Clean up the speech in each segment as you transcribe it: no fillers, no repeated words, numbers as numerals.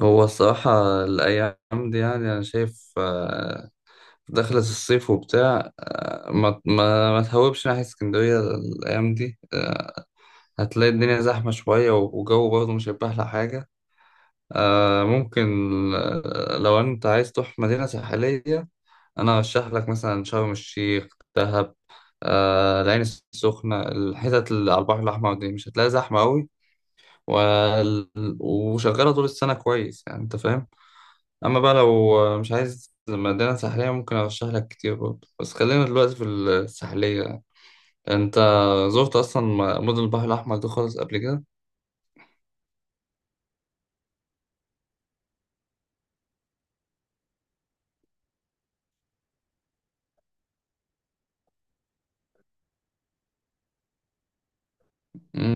هو الصراحة الأيام دي يعني أنا شايف، دخلت الصيف وبتاع. ما تهوبش ناحية اسكندرية الأيام دي. هتلاقي الدنيا زحمة شوية وجو برضه مش هيبقى أحلى حاجة. ممكن. لو أنت عايز تروح مدينة ساحلية، أنا أرشح لك مثلا شرم الشيخ، دهب. العين السخنة، الحتت اللي على البحر الأحمر دي مش هتلاقي زحمة أوي، وال- وشغالة طول السنة كويس، يعني أنت فاهم. اما بقى لو مش عايز مدينة ساحلية، ممكن ارشح لك كتير برضه، بس خلينا دلوقتي في الساحلية. انت زرت اصلا مدن البحر الاحمر ده خالص قبل كده؟ مم.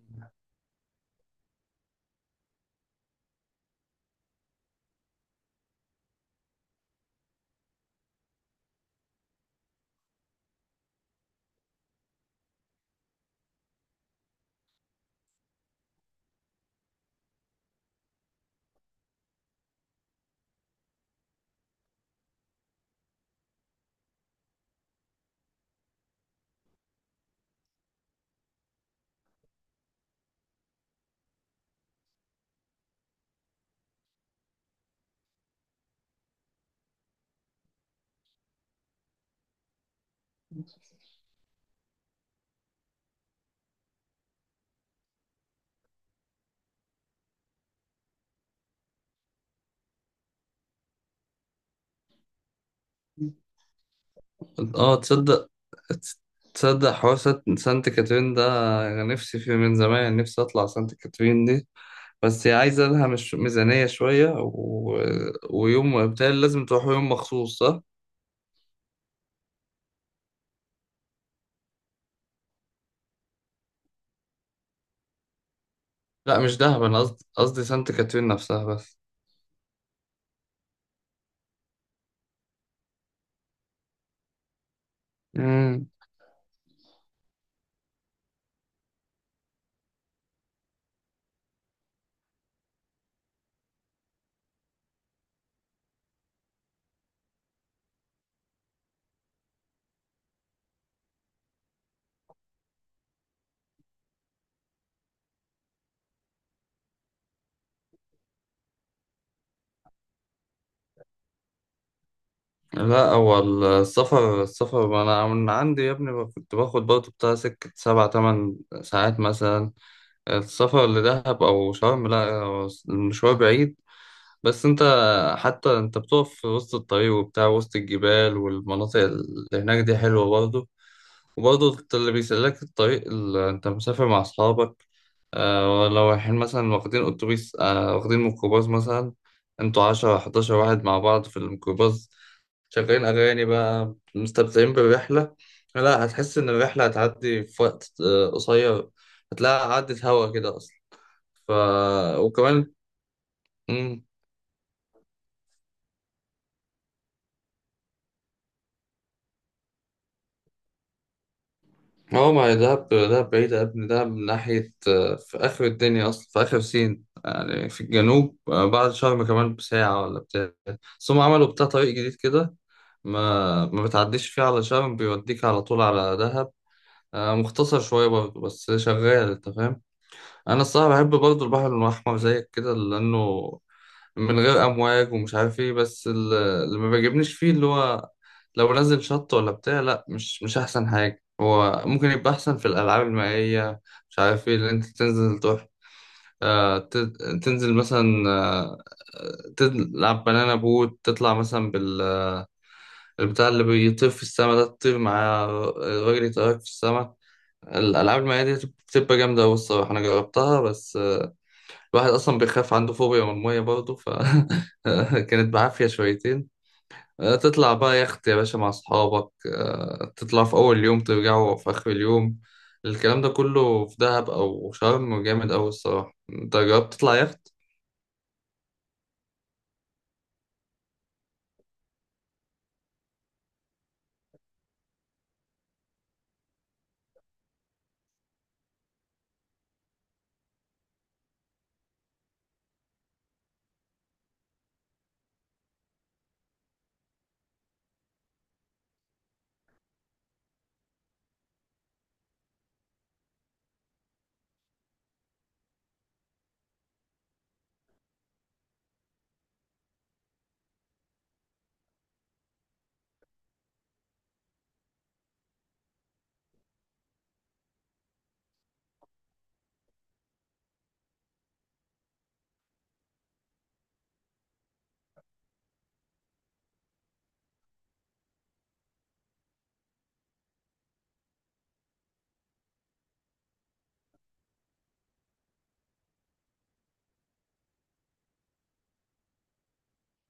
اه، تصدق حوار سانت كاترين ده. انا نفسي فيه من زمان، نفسي اطلع سانت كاترين دي، بس هي عايزة لها مش ميزانية شوية ويوم، بالتالي لازم تروحوا يوم مخصوص صح؟ لا مش دهب، انا قصدي سانت كاترين نفسها بس. مم. لا، هو السفر انا من عندي يا ابني، كنت باخد برضه بتاع سكة 7 8 ساعات مثلا. السفر لدهب او شرم، لا هو المشوار بعيد. بس انت حتى انت بتقف في وسط الطريق وبتاع وسط الجبال والمناطق اللي هناك دي حلوة برضه. وبرضه اللي بيسلك الطريق اللي انت مسافر مع اصحابك. لو رايحين مثلا واخدين اتوبيس واخدين ميكروباص مثلا، انتوا 10 11 واحد مع بعض في الميكروباص، شغالين اغاني بقى، مستمتعين بالرحلة. لا، هتحس ان الرحلة هتعدي في وقت قصير، هتلاقيها عدت هوا كده اصلا. ف وكمان مم. هو ما هي دهب دهب بعيدة يا ابني، دهب من ناحية، في آخر الدنيا أصلا، في آخر سين يعني، في الجنوب. بعد شرم كمان بساعة ولا بتاع. بس هم عملوا بتاع طريق جديد كده، ما بتعديش فيه على شرم، بيوديك على طول على دهب. مختصر شوية برضه بس شغال، أنت فاهم. أنا الصراحة بحب برضه البحر الأحمر زيك كده، لأنه من غير امواج ومش عارف ايه، بس اللي ما بيعجبنيش فيه اللي هو لو نزل شط ولا بتاع، لا مش احسن حاجه، هو ممكن يبقى احسن في الالعاب المائيه. مش عارف ايه اللي انت تنزل تروح. آه، ت- تنزل مثلا، تلعب بنانا بوت، تطلع مثلا بالبتاع اللي بيطير في السما ده، تطير مع الراجل، يطيرك في السما. الألعاب المائية دي بتبقى جامدة أوي الصراحة، أنا جربتها، بس الواحد اصلا بيخاف، عنده فوبيا من الميه برضه، كانت بعافيه شويتين. تطلع بقى يخت يا باشا مع اصحابك، تطلع في اول يوم، ترجعوا في اخر اليوم. الكلام ده كله في دهب او شرم جامد اوي الصراحه. انت جربت تطلع يخت؟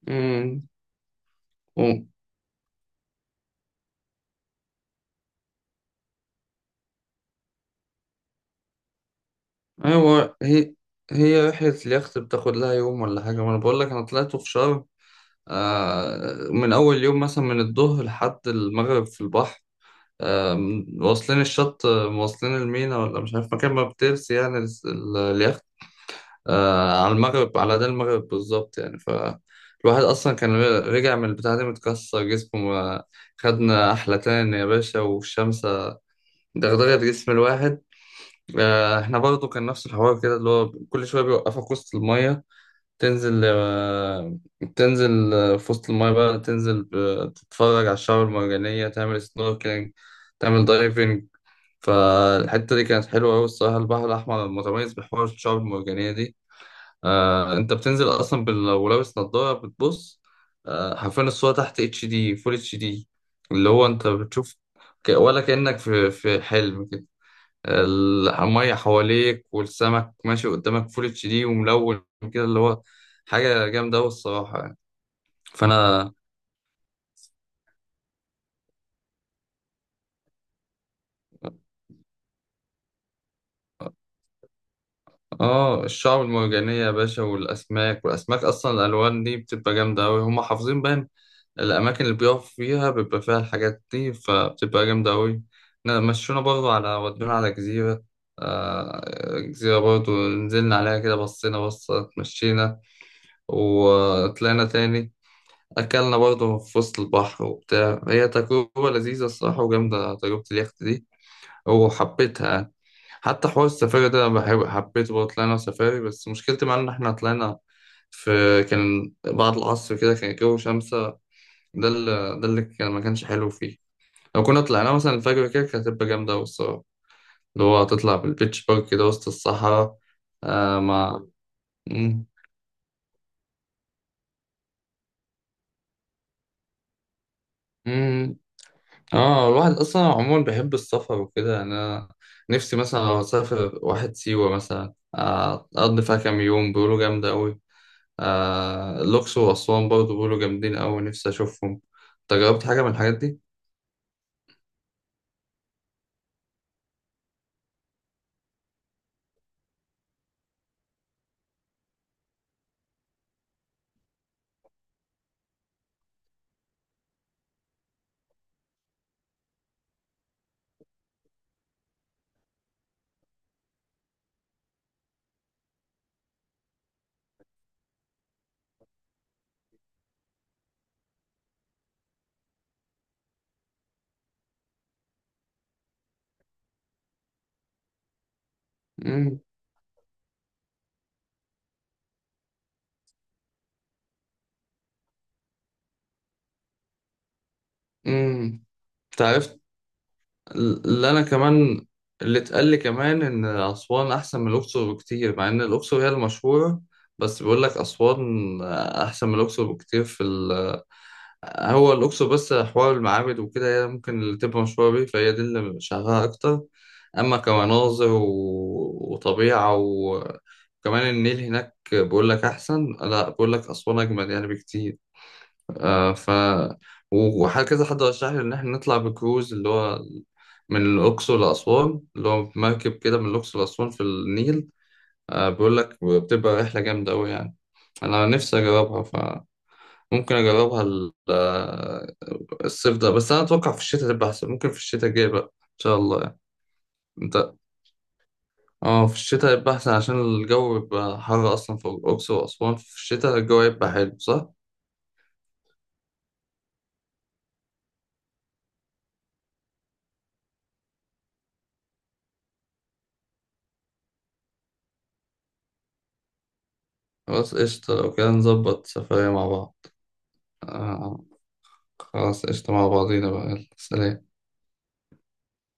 امم. أم. ايوه، هي هي رحله اليخت بتاخد لها يوم ولا حاجه. ما انا بقول لك، انا طلعته في شرم. من اول يوم مثلا من الظهر لحد المغرب في البحر، واصلين الشط، واصلين المينا ولا مش عارف مكان ما بترسي يعني، اليخت، على المغرب، على ده المغرب بالظبط يعني. فالواحد أصلا كان رجع من البتاع دي متكسر جسمه. خدنا أحلتان يا باشا، والشمس دغدغت جسم الواحد. احنا برضو كان نفس الحوار كده، اللي هو كل شوية بيوقفك وسط المية، تنزل، تنزل في وسط المية بقى، تنزل تتفرج على الشعاب المرجانية، تعمل سنوركلينج، تعمل دايفنج. فالحتة دي كانت حلوة أوي الصراحة، البحر الأحمر متميز بحوار الشعاب المرجانية دي. أنت بتنزل أصلا لو لابس نضارة بتبص، حرفيا الصورة تحت اتش دي، فول اتش دي، اللي هو أنت بتشوف ولا كأنك في حلم كده، المية حواليك، والسمك ماشي قدامك، فول اتش دي، وملون كده، اللي هو حاجة جامدة أوي الصراحة يعني. فأنا اه، الشعاب المرجانية يا باشا، والأسماك أصلا، الألوان دي بتبقى جامدة أوي، هما حافظين بقى الأماكن اللي بيقف فيها بيبقى فيها الحاجات دي، فبتبقى جامدة أوي. مشونا برضو على، ودونا على جزيرة، آه، جزيرة برضو نزلنا عليها كده، بصينا بصة، اتمشينا، وطلعنا تاني. أكلنا برضو في وسط البحر وبتاع، هي تجربة لذيذة الصراحة، وجامدة تجربة اليخت دي، وحبيتها يعني. حتى حوار السفاري ده أنا بحب، حبيته برضه، طلعنا سفاري، بس مشكلتي معاه إن إحنا طلعنا في كان بعد العصر كده، كان الجو شمس، ده اللي ده اللي كان ما كانش حلو فيه. لو كنا طلعنا مثلا الفجر كده، كانت هتبقى جامدة أوي الصراحة، اللي هو هتطلع بالبيتش بارك كده وسط الصحراء. آه مع مم. مم. اه، الواحد أصلا عموما بيحب السفر وكده، يعني أنا نفسي مثلا لو أسافر واحد سيوة مثلا، أقضي فيها كام يوم، بيقولوا جامدة أوي. الأقصر وأسوان برضه بيقولوا جامدين أوي، نفسي أشوفهم. أنت جربت حاجة من الحاجات دي؟ مم. مم. تعرفت اللي انا كمان اللي اتقال لي كمان ان اسوان احسن من الاقصر بكتير، مع ان الاقصر هي المشهوره، بس بيقول لك اسوان احسن من الاقصر بكتير هو الاقصر بس حوار المعابد وكده، هي ممكن اللي تبقى مشهوره بيه، فهي دي اللي شغاله اكتر. اما كمناظر وطبيعه وكمان النيل هناك، بيقول لك احسن، لا بيقول لك اسوان اجمل يعني بكتير. آه ف وهكذا حد رشح لي ان احنا نطلع بكروز اللي هو من الاقصر لاسوان، اللي هو مركب كده من الاقصر لاسوان في النيل. بيقول لك بتبقى رحله جامده قوي يعني، انا نفسي اجربها، فممكن اجربها الصيف ده، بس انا اتوقع في الشتاء تبقى احسن، ممكن في الشتاء الجاي بقى ان شاء الله يعني. انت اه، في الشتاء يبقى احسن عشان الجو بيبقى حر اصلا في الاقصر واسوان، في الشتاء الجو يبقى حلو، صح. خلاص قشطة، لو كده نظبط سفرية مع بعض. آه، خلاص قشطة مع بعضينا بقى، يلا، سلام.